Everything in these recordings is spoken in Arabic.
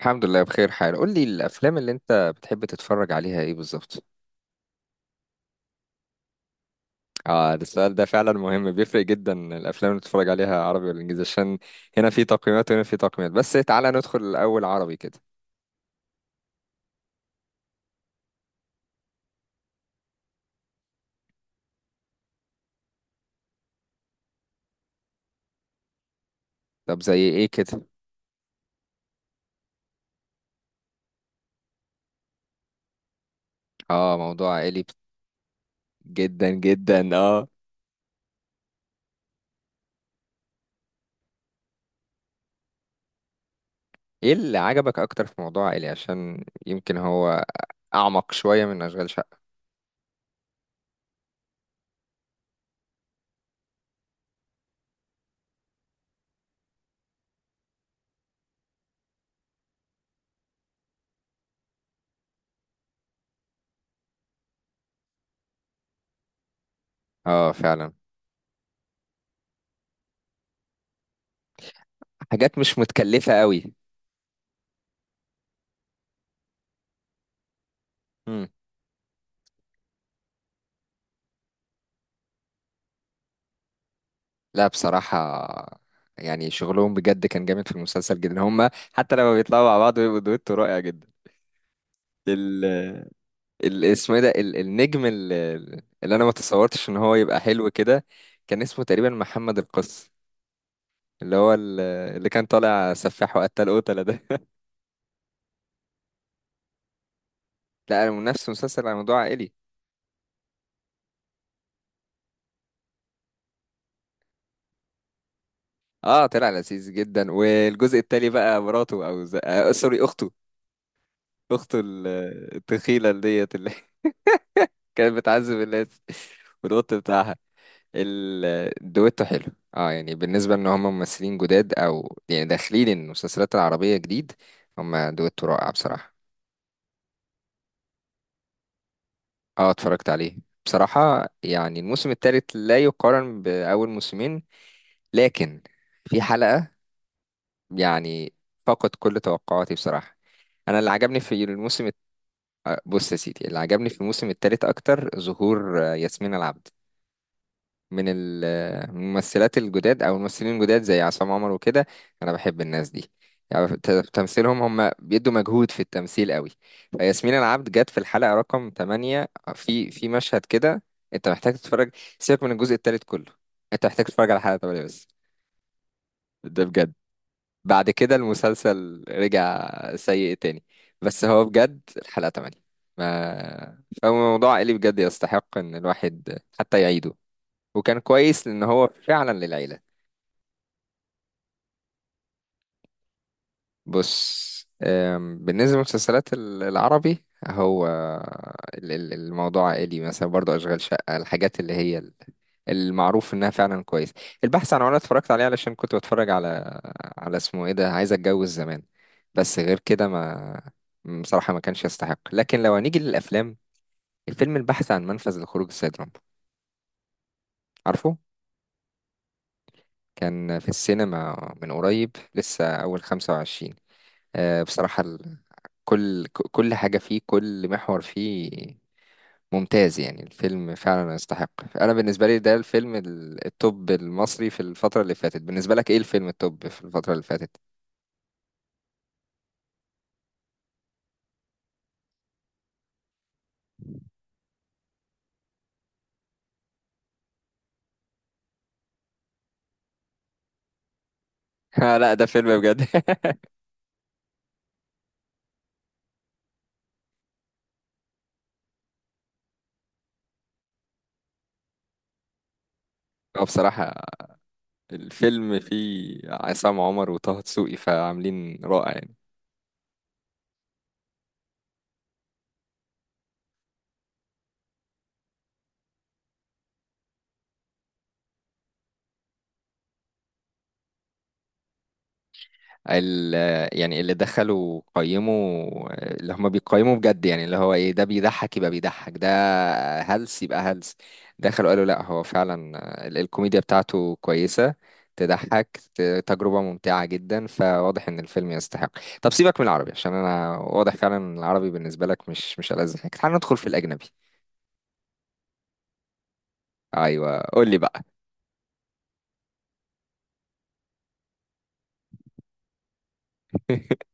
الحمد لله بخير حال. قول لي الافلام اللي انت بتحب تتفرج عليها ايه بالظبط؟ اه، ده السؤال ده فعلا مهم، بيفرق جدا الافلام اللي بتتفرج عليها عربي ولا انجليزي، عشان هنا في تقييمات وهنا في تقييمات. بس تعالى ندخل الاول عربي كده. طب زي ايه كده؟ اه موضوع عائلي. جدا جدا اه. ايه اللي عجبك اكتر في موضوع عائلي؟ عشان يمكن هو اعمق شوية من اشغال شقة. اه فعلا، حاجات مش متكلفة قوي. لا بصراحة يعني شغلهم بجد كان جامد في المسلسل جدا. هما حتى لما بيطلعوا مع بعض بيبقوا دويتو رائع جدا. ال اسمه ايه ده النجم اللي انا ما تصورتش ان هو يبقى حلو كده، كان اسمه تقريبا محمد القس، اللي هو ال- اللي كان طالع سفاح وقتل قتلة ده لا انا نفس مسلسل على موضوع عائلي. اه طلع لذيذ جدا، والجزء التالي بقى مراته او ز... آه سوري اخته. اخته ال- التخيلة اللي ديت اللي كانت بتعذب الناس والقط بتاعها. الدويتو حلو. اه يعني بالنسبة ان هم ممثلين جداد، او يعني داخلين المسلسلات العربية جديد، هم دويتو رائع بصراحة. اه اتفرجت عليه. بصراحة يعني الموسم الثالث لا يقارن بأول موسمين، لكن في حلقة يعني فقد كل توقعاتي بصراحة. انا اللي عجبني في الموسم الت- آه، بص يا سيدي، اللي عجبني في الموسم الثالث اكتر ظهور ياسمين العبد، من الممثلات الجداد او الممثلين الجداد زي عصام عمر وكده. انا بحب الناس دي، يعني تمثيلهم هم بيدوا مجهود في التمثيل قوي. فياسمين العبد جت في الحلقة رقم 8، في مشهد كده انت محتاج تتفرج. سيبك من الجزء الثالث كله، انت محتاج تتفرج على حلقة 8 بس. ده بجد. بعد كده المسلسل رجع سيء تاني، بس هو بجد الحلقة 8 ما فهو موضوع اللي بجد يستحق ان الواحد حتى يعيده، وكان كويس لان هو فعلا للعيله. بص، بالنسبه للمسلسلات العربي، هو الموضوع عائلي مثلا، برضو اشغال شقه، الحاجات اللي هي المعروف انها فعلا كويس. البحث عن عمارة اتفرجت عليه علشان كنت بتفرج على، على اسمه ايه ده، عايز اتجوز زمان. بس غير كده ما، بصراحه ما كانش يستحق. لكن لو هنيجي للافلام، الفيلم البحث عن منفذ لخروج السيد رامبو، عارفه؟ كان في السينما من قريب لسه اول 25. بصراحة كل كل حاجة فيه، كل محور فيه ممتاز، يعني الفيلم فعلا يستحق. أنا بالنسبة لي ده الفيلم التوب المصري في الفترة اللي فاتت. بالنسبة لك إيه الفيلم التوب في الفترة اللي فاتت؟ لا ده فيلم بجد. هو بصراحة الفيلم فيه عصام عمر وطه دسوقي فعاملين رائع يعني. ال، يعني اللي دخلوا قيموا، اللي هم بيقيموا بجد، يعني اللي هو ايه، ده بيضحك يبقى بيضحك، ده هلس يبقى هلس. دخلوا قالوا لا هو فعلا الكوميديا بتاعته كويسة، تضحك، تجربة ممتعة جدا، فواضح ان الفيلم يستحق. طب سيبك من العربي، عشان انا واضح فعلا إن العربي بالنسبة لك مش ألذ حاجة. تعال ندخل في الأجنبي. ايوه قول لي بقى.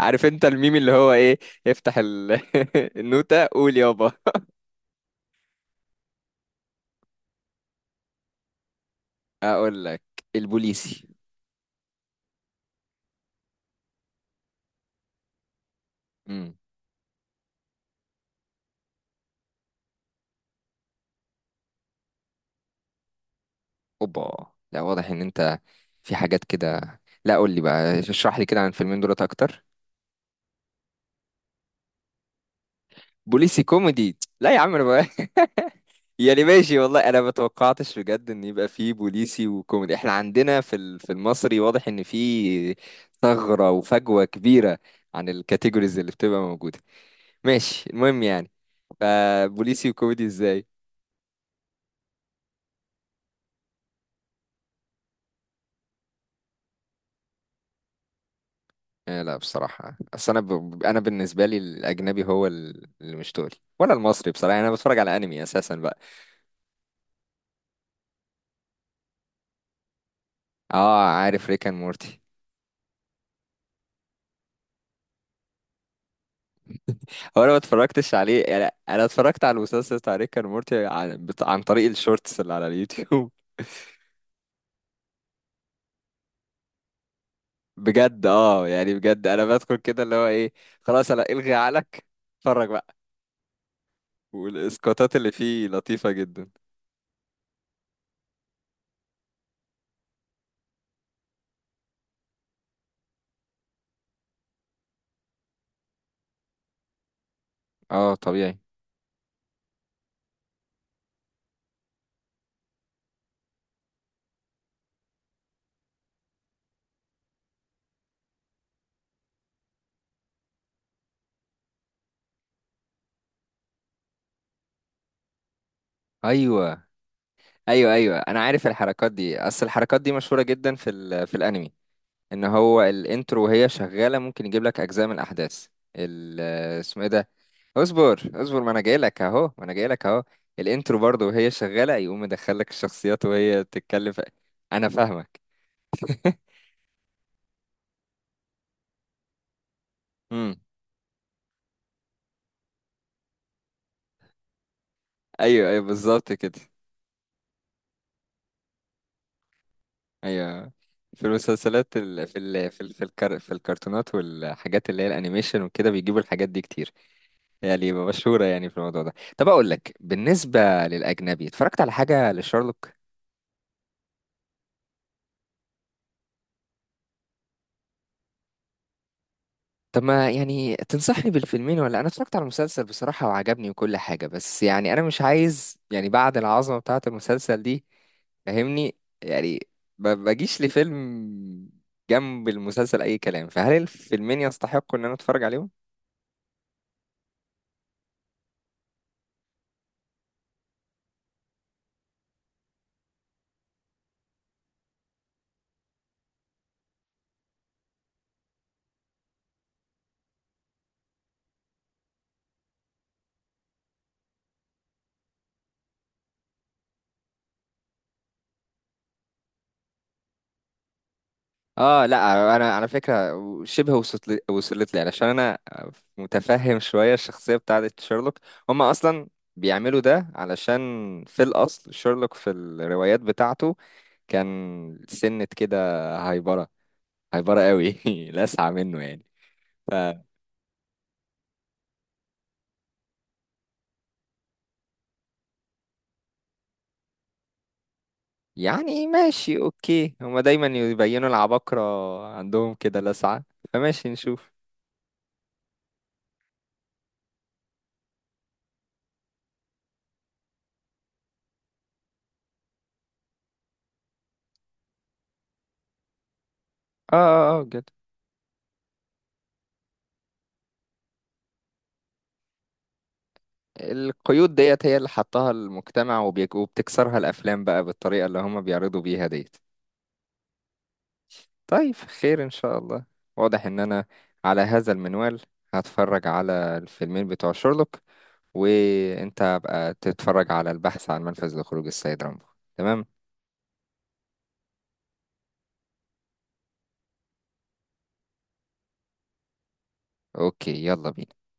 عارف انت الميم اللي هو ايه؟ افتح النوتة قول يابا. اقول لك: البوليسي. اوبا، لا واضح ان انت في حاجات كده. لا قول لي بقى، اشرح لي كده عن الفيلمين دولت اكتر. بوليسي كوميدي؟ لا يا عم انا بقى يعني ماشي والله، انا ما توقعتش بجد ان يبقى في بوليسي وكوميدي. احنا عندنا في في المصري واضح ان في ثغرة وفجوة كبيرة عن الكاتيجوريز اللي بتبقى موجودة. ماشي المهم يعني. فبوليسي وكوميدي ازاي؟ لا بصراحة، أنا بالنسبة لي الأجنبي هو اللي مش تقلي ولا المصري. بصراحة أنا بتفرج على أنمي أساسا بقى. اه عارف ريكان مورتي. هو انا ما اتفرجتش عليه، يعني انا اتفرجت على المسلسل بتاع ريكان مورتي عن، عن طريق الشورتس اللي على اليوتيوب بجد اه، يعني بجد انا بدخل كده اللي هو ايه، خلاص انا الغي عقلك، اتفرج بقى. والاسقاطات اللي فيه لطيفة جدا. اه طبيعي. ايوه، ايوه، ايوه انا عارف الحركات دي، اصل الحركات دي مشهورة جدا في في الانمي، ان هو الانترو وهي شغالة ممكن يجيب لك اجزاء من الاحداث ال- اسمه ايه ده، اصبر ما انا جاي لك اهو، ما انا جاي لك اهو. الانترو برضه وهي شغاله يقوم مدخلك الشخصيات وهي بتتكلم انا فاهمك. امم ايوه ايوه بالظبط كده. ايوه في المسلسلات في الكرتونات والحاجات اللي هي الانيميشن وكده بيجيبوا الحاجات دي كتير، يعني مشهوره يعني في الموضوع ده. طب اقول لك بالنسبه للاجنبي، اتفرجت على حاجه لشارلوك. طب ما يعني تنصحني بالفيلمين؟ ولا انا اتفرجت على المسلسل بصراحة وعجبني وكل حاجة، بس يعني انا مش عايز يعني بعد العظمة بتاعة المسلسل دي، فاهمني يعني؟ ما بجيش لفيلم جنب المسلسل اي كلام. فهل الفيلمين يستحقوا ان انا اتفرج عليهم؟ اه لا انا على فكرة شبه وصلت لي علشان انا متفهم شوية الشخصية بتاعة شيرلوك. هما اصلا بيعملوا ده علشان في الاصل شيرلوك في الروايات بتاعته كان سنة كده هايبرة، هايبرة قوي لسعة منه يعني. ف يعني ماشي اوكي، هما دايما يبينوا العباقرة عندهم كده لسعة. فماشي نشوف. اه اه اه جد. القيود ديت هي اللي حطها المجتمع، وبتكسرها الافلام بقى بالطريقة اللي هما بيعرضوا بيها ديت. طيب خير ان شاء الله. واضح ان انا على هذا المنوال هتفرج على الفيلمين بتوع شيرلوك، وانت بقى تتفرج على البحث عن منفذ لخروج السيد رامبو. تمام. اوكي يلا بينا.